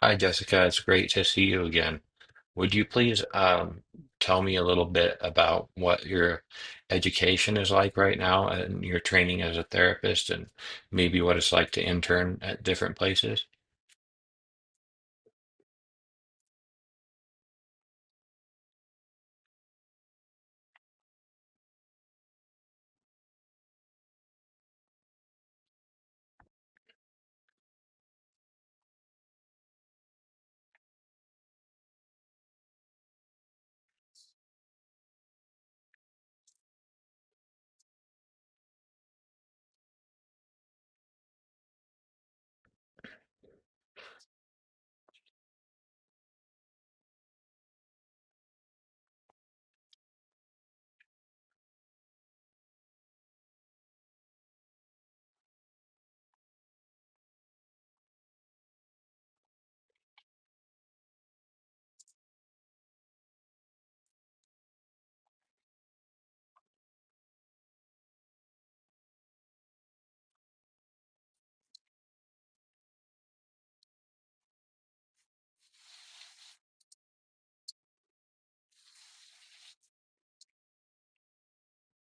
Hi, Jessica. It's great to see you again. Would you please tell me a little bit about what your education is like right now and your training as a therapist and maybe what it's like to intern at different places?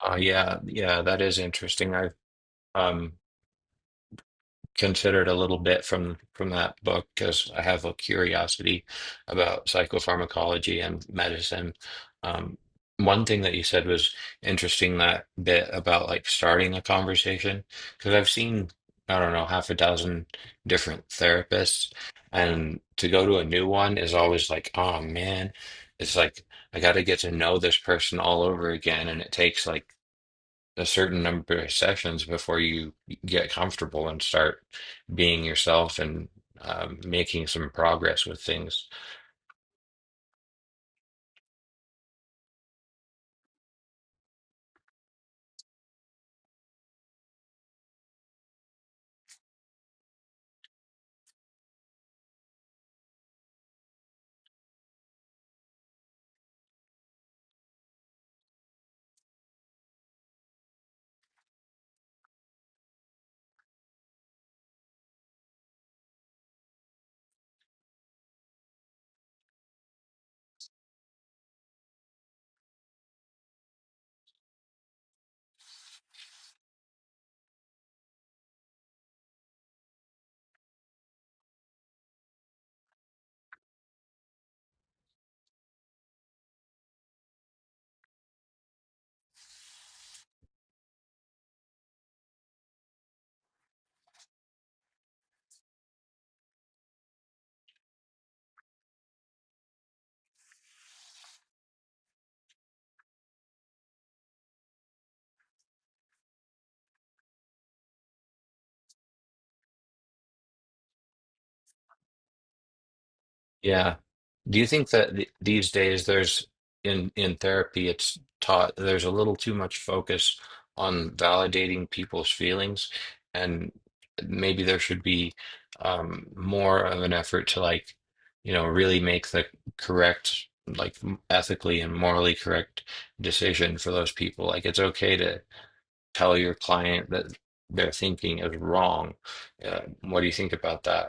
Yeah, yeah, that is interesting. I've um, considered a little bit from that book because I have a curiosity about psychopharmacology and medicine. Um, One thing that you said was interesting, that bit about like starting a conversation, because I've seen, I don't know, half a dozen different therapists, and to go to a new one is always like, oh man, it's like I got to get to know this person all over again, and it takes like a certain number of sessions before you get comfortable and start being yourself and, making some progress with things. Yeah. Do you think that th these days there's in therapy it's taught there's a little too much focus on validating people's feelings and maybe there should be more of an effort to like, you know, really make the correct, like, ethically and morally correct decision for those people. Like it's okay to tell your client that their thinking is wrong. Uh, what do you think about that?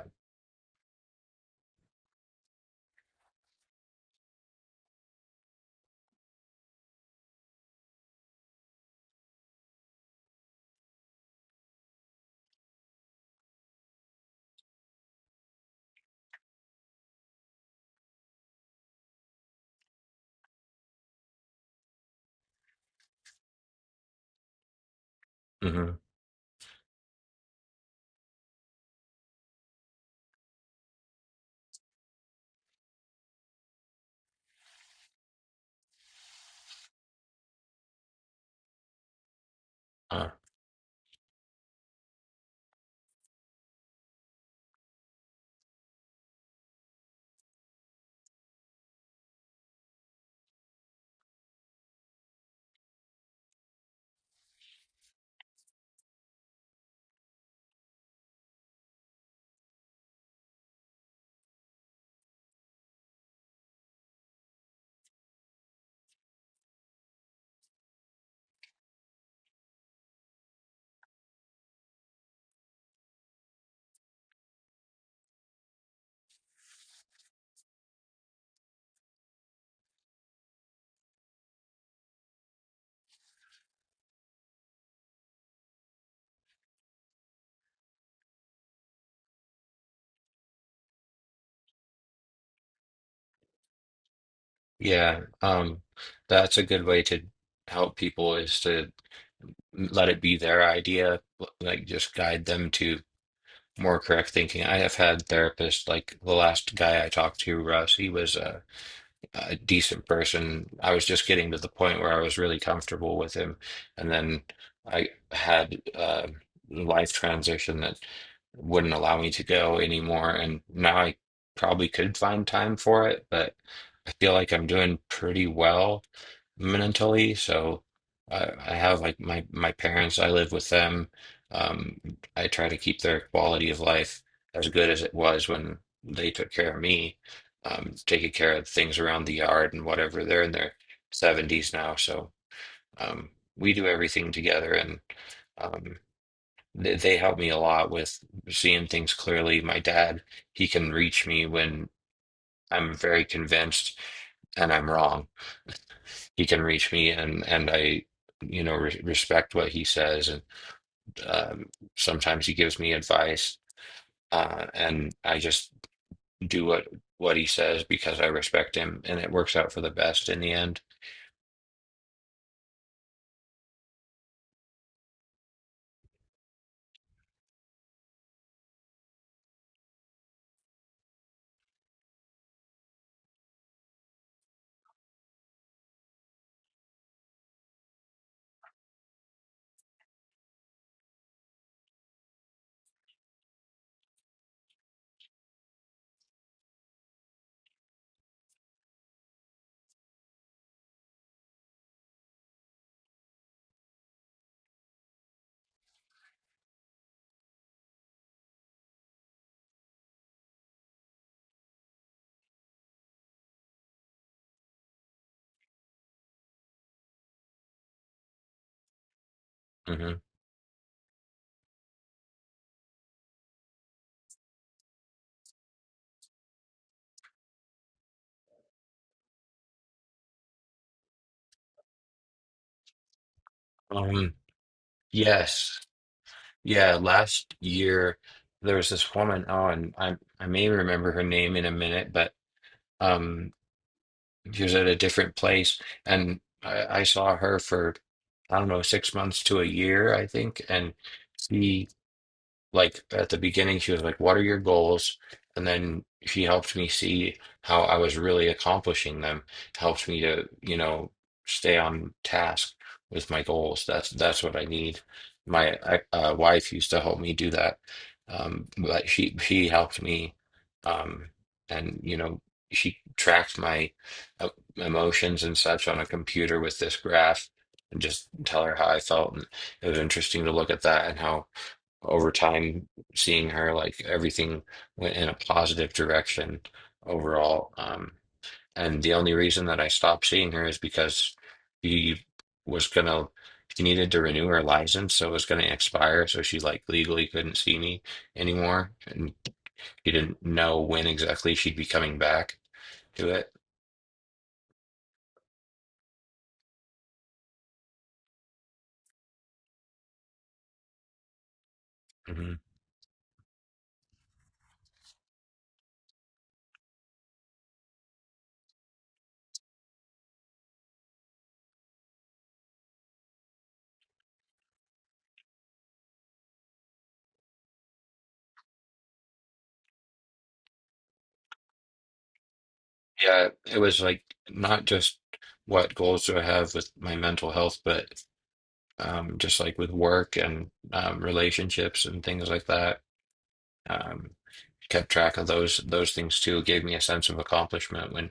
Hmm. Yeah, that's a good way to help people is to let it be their idea, like just guide them to more correct thinking. I have had therapists like the last guy I talked to, Russ, he was a decent person. I was just getting to the point where I was really comfortable with him, and then I had a life transition that wouldn't allow me to go anymore, and now I probably could find time for it, but I feel like I'm doing pretty well mentally, so I have like my parents, I live with them. Um, I try to keep their quality of life as good as it was when they took care of me, taking care of things around the yard and whatever. They're in their 70s now, so um, we do everything together, and, um, they help me a lot with seeing things clearly. My dad, he can reach me when I'm very convinced and I'm wrong. He can reach me, and I, you know, re respect what he says, and, um, sometimes he gives me advice, and I just do what he says because I respect him, and it works out for the best in the end. Hmm. Um, yes. Yeah, last year there was this woman, oh, and I may remember her name in a minute, but um she was at a different place and I saw her for, I don't know, 6 months to a year, I think, and she like at the beginning she was like, what are your goals, and then she helped me see how I was really accomplishing them, helped me to, you know, stay on task with my goals. That's what I need. My wife used to help me do that, but she helped me, um and, you know, she tracked my uh, emotions and such on a computer with this graph, and just tell her how I felt, and it was interesting to look at that and how, over time, seeing her, like everything went in a positive direction overall. And the only reason that I stopped seeing her is because he was gonna, she needed to renew her license, so it was gonna expire. So she like legally couldn't see me anymore, and she didn't know when exactly she'd be coming back to it. Hmm. Yeah, it was like not just what goals do I have with my mental health, but, just like with work and, relationships and things like that. Um, Kept track of those things too. It gave me a sense of accomplishment when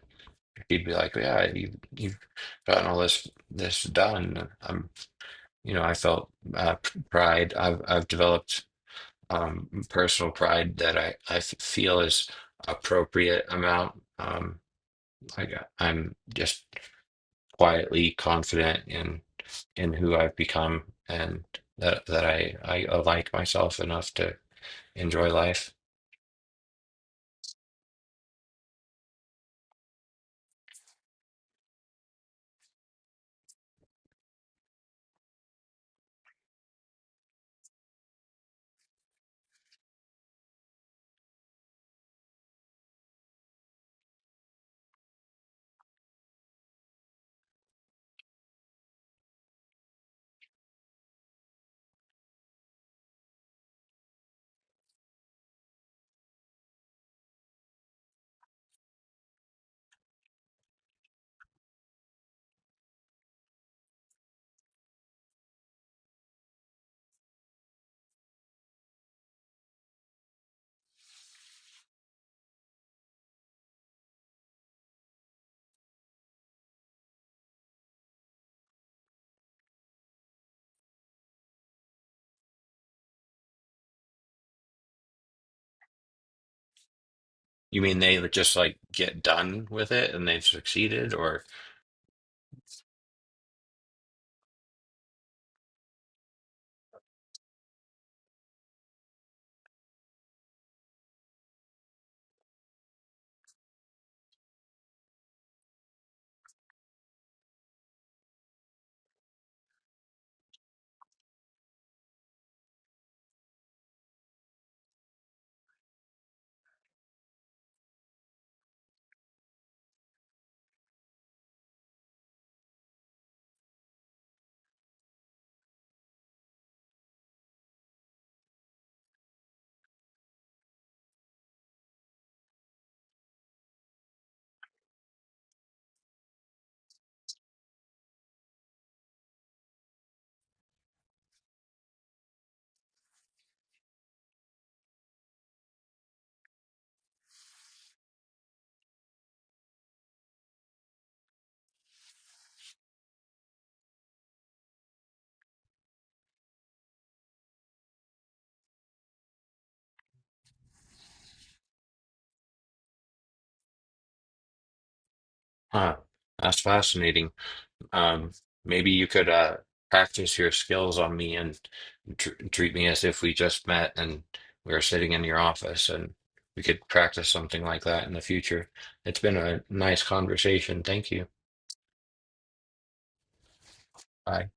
he'd be like, "Yeah, you you've gotten all this done." You know, I felt pride. I've developed, personal pride that I feel is appropriate amount. I got, I'm just quietly confident in. In who I've become and that I like myself enough to enjoy life. You mean they would just like get done with it and they've succeeded or. Huh, that's fascinating. Um, Maybe you could practice your skills on me and tr treat me as if we just met and we were sitting in your office and we could practice something like that in the future. It's been a nice conversation. Thank you. Bye.